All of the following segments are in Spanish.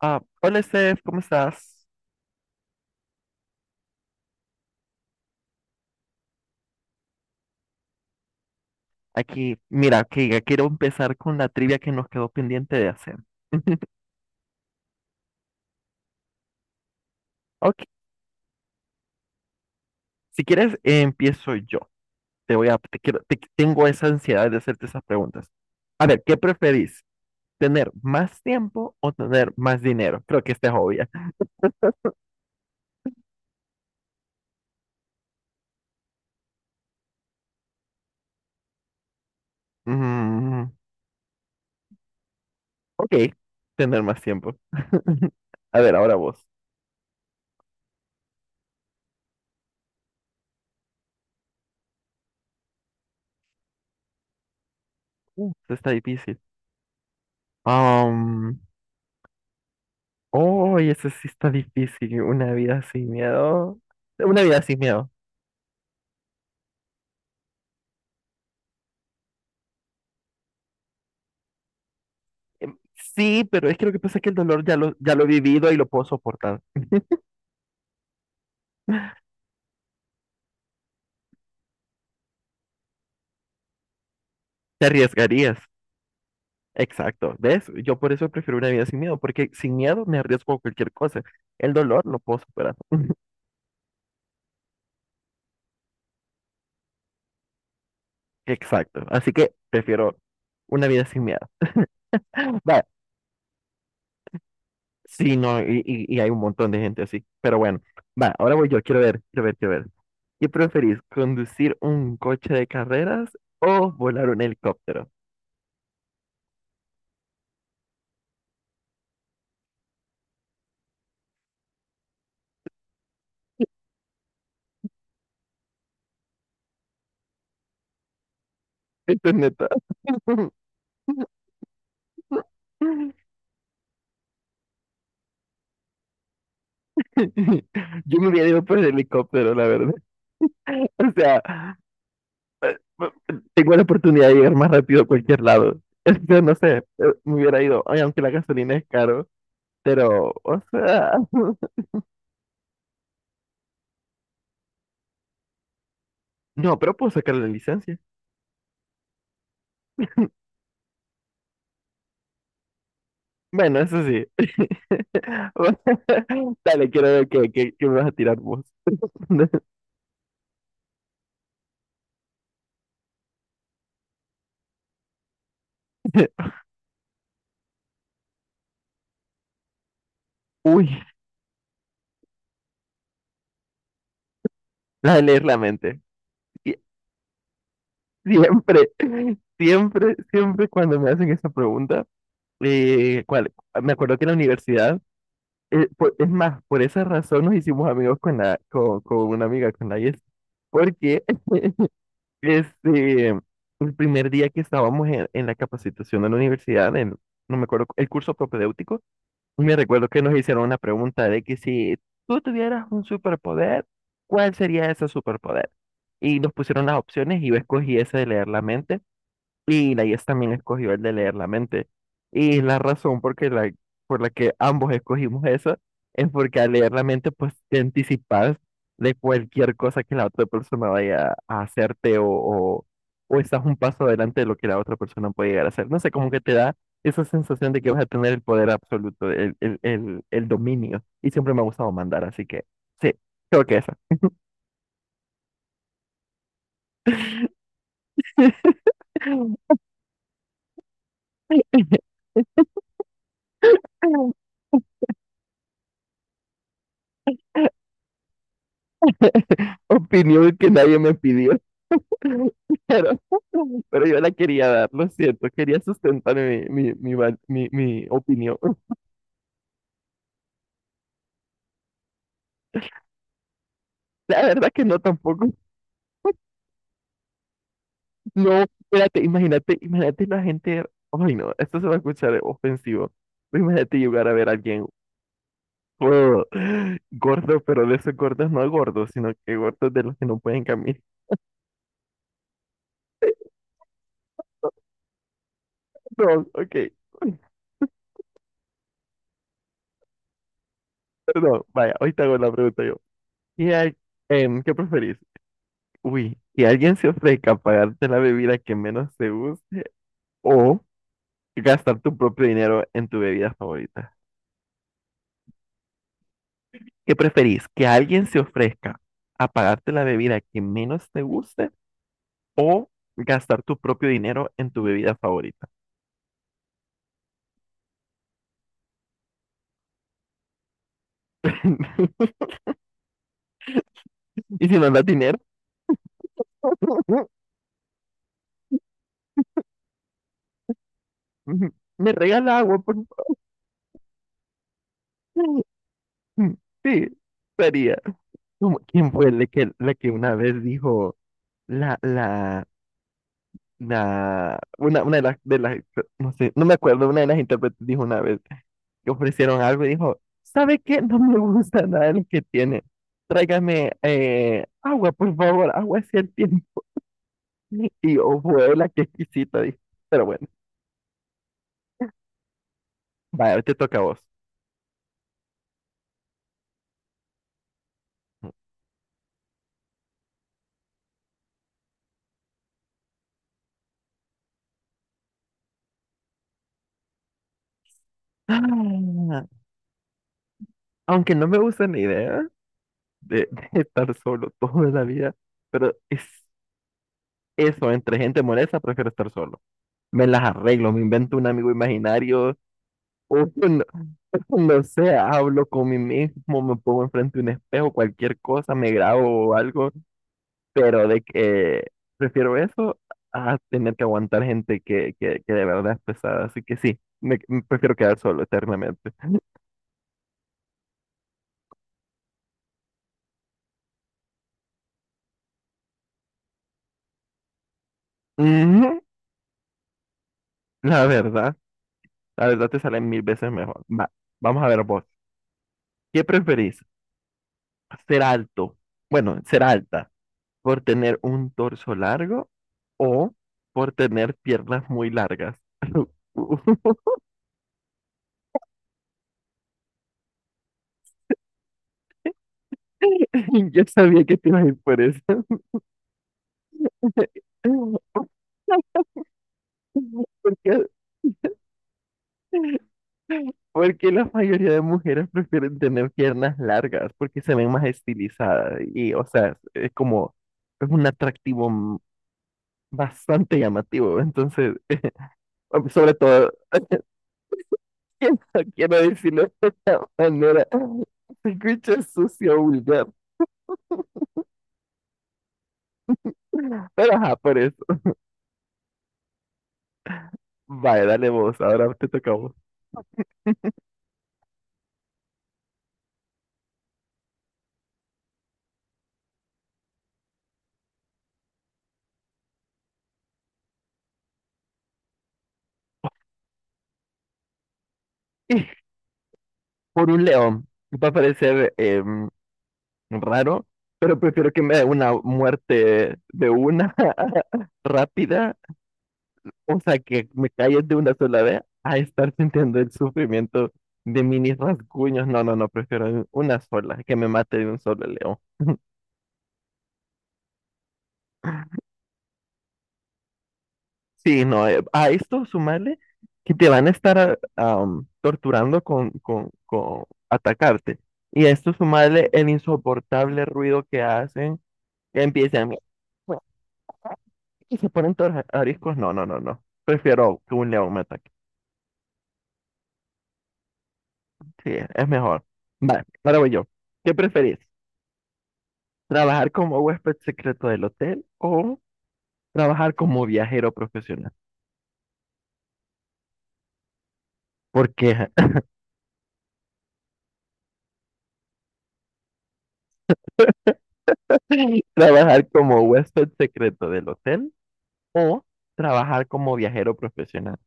Ah, hola Steph, ¿cómo estás? Aquí, mira, que ya quiero empezar con la trivia que nos quedó pendiente de hacer. Ok, si quieres, empiezo yo. Te voy a, te quiero, te- Tengo esa ansiedad de hacerte esas preguntas. A ver, ¿qué preferís? ¿Tener más tiempo o tener más dinero? Creo que esta es obvia. Mm, ok, tener más tiempo. A ver, ahora vos. Esto está difícil. Um, oh, eso sí está difícil. Una vida sin miedo. Una vida sin miedo. Em, Sí, pero es que lo que pasa es que el dolor ya lo he vivido y lo puedo soportar. Te arriesgarías. Exacto. ¿Ves? Yo por eso prefiero una vida sin miedo, porque sin miedo me arriesgo a cualquier cosa. El dolor lo puedo superar. Exacto. Así que prefiero una vida sin miedo. Va. Sí, no, y hay un montón de gente así. Pero bueno, va, ahora voy yo. Quiero ver. ¿Qué preferís? ¿Conducir un coche de carreras o volar un helicóptero? Esto es neta. Yo me hubiera ido por el helicóptero, la verdad. O sea, tengo la oportunidad de llegar más rápido a cualquier lado. Yo no sé, me hubiera ido, ay, aunque la gasolina es caro, pero, o sea, no, pero puedo sacar la licencia. Bueno, eso sí. Bueno, dale, quiero ver qué me vas a tirar vos. Uy, la de leer la mente. Sie- Siempre, siempre cuando me hacen esa pregunta, ¿cuál? Me acuerdo que en la universidad por- es más, por esa razón nos hicimos amigos con con una amiga, con la Yes, porque este, el primer día que estábamos en la capacitación de la universidad, en- no me acuerdo, el curso propedéutico, me recuerdo que nos hicieron una pregunta de que si tú tuvieras un superpoder, ¿cuál sería ese superpoder? Y nos pusieron las opciones y yo escogí ese de leer la mente. Y la IES también escogió el de leer la mente. Y la razón por que la, por la que ambos escogimos eso es porque al leer la mente, pues te anticipas de cualquier cosa que la otra persona vaya a hacerte o estás un paso adelante de lo que la otra persona puede llegar a hacer. No sé, como que te da esa sensación de que vas a tener el poder absoluto, el dominio. Y siempre me ha gustado mandar, así que sí, creo que esa. Opinión que nadie me pidió. Pero, pero yo la quería dar, lo siento, quería sustentar mi opinión. La verdad que no tampoco. No, espérate, imagínate la gente. Ay, no, esto se va a escuchar ofensivo. Pero imagínate llegar a ver a alguien oh, gordo, pero de esos gordos no gordos, sino que gordos de los que no pueden caminar. No, ok. Perdón, vaya, hoy te hago la pregunta yo. ¿Qué, hay- ¿Qué preferís? Uy, que alguien se ofrezca a pagarte la bebida que menos te gusta. O gastar tu propio dinero en tu bebida favorita. ¿Qué preferís? ¿Que alguien se ofrezca a pagarte la bebida que menos te guste o gastar tu propio dinero en tu bebida favorita? Y si no das dinero, me regala agua, por favor. Sí, sería. ¿Quién fue la que una vez dijo la, la, una de las, no sé, no me acuerdo, una de las intérpretes dijo una vez que ofrecieron algo y dijo, ¿sabe qué? No me gusta nada de lo que tiene. Tráigame agua, por favor, agua es el tiempo. Y yo, la qué exquisita, dije. Pero bueno, vaya, te toca a vos. Ah, aunque no me gusta la idea de, de estar solo toda la vida, pero es eso, entre gente molesta, prefiero estar solo. Me las arreglo, me invento un amigo imaginario, uy, no, no sé, hablo con mí mismo, me pongo enfrente de un espejo, cualquier cosa, me grabo o algo, pero de que prefiero eso a tener que aguantar gente que de verdad es pesada. Así que sí, me prefiero quedar solo eternamente. Ujú, la verdad, la verdad te sale mil veces mejor. Va, vamos a ver vos. ¿Qué preferís? ¿Ser alto? Bueno, ser alta por tener un torso largo o por tener piernas muy largas. Yo sabía que te ibas a ir por eso. Porque, porque la mayoría de mujeres prefieren tener piernas largas porque se ven más estilizadas y, o sea, es como, es un atractivo bastante llamativo. Entonces, sobre todo, quiero, quiero decirlo de esta manera, se escucha sucio, vulgar, pero ajá, por eso. Vaya, dale vos, ahora te toca a vos. Por un león, va a aparecer raro, pero prefiero que me dé una muerte de una rápida, o sea, que me calles de una sola vez, a estar sintiendo el sufrimiento de mini rasguños. No, no, no, prefiero una sola, que me mate de un solo león. Sí, no, a esto sumarle que te van a estar torturando con atacarte. Y a esto sumarle el insoportable ruido que hacen, que empiezan y se ponen todos ariscos. No, no, no, no. Prefiero que un león me ataque. Sí, es mejor. Vale, ahora voy yo. ¿Qué preferís? ¿Trabajar como huésped secreto del hotel o trabajar como viajero profesional? ¿Por qué? ¿Trabajar como huésped secreto del hotel o trabajar como viajero profesional?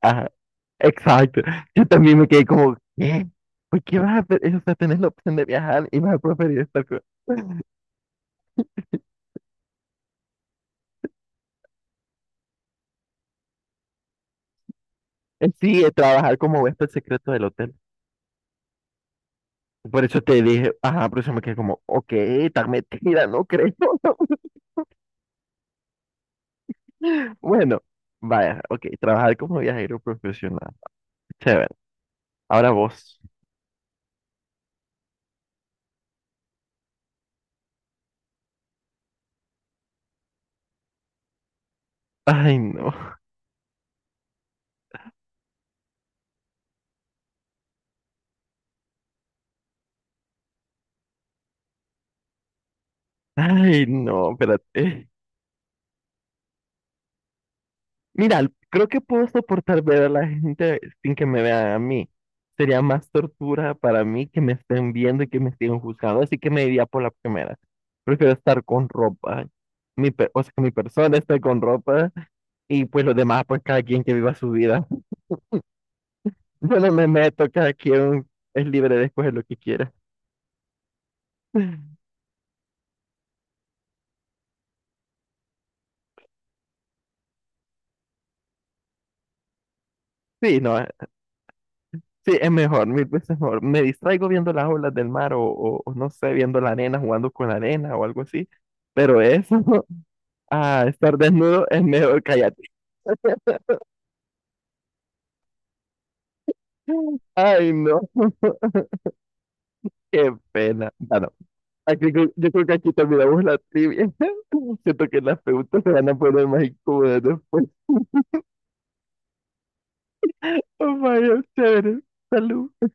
Ajá, exacto. Yo también me quedé como, ¿qué? ¿Por qué vas a, pe- o sea, tenés la opción de viajar y vas a preferir estar con... sí, trabajar como huésped secreto del hotel. Por eso te dije, ajá, por eso me quedé como, ok, tan metida, no creo. Bueno, vaya, ok, trabajar como viajero profesional. Chévere. Ahora vos. Ay, no. Ay, no, espérate. Mira, creo que puedo soportar ver a la gente sin que me vean a mí. Sería más tortura para mí que me estén viendo y que me estén juzgando, así que me iría por la primera. Prefiero estar con ropa. O sea, que mi persona esté con ropa y pues los demás, pues cada quien que viva su vida. Yo no me meto, cada quien es libre de escoger lo que quiera. Sí, no, sí, es mejor, mil veces mejor. Me distraigo viendo las olas del mar o no sé, viendo la arena, jugando con la arena o algo así. Pero eso, a estar desnudo es mejor, cállate. Ay, no, qué pena. Bueno, yo creo que aquí terminamos la trivia. Siento que las preguntas se van a poner más incómodas después. Oh, vaya, chévere. Salud.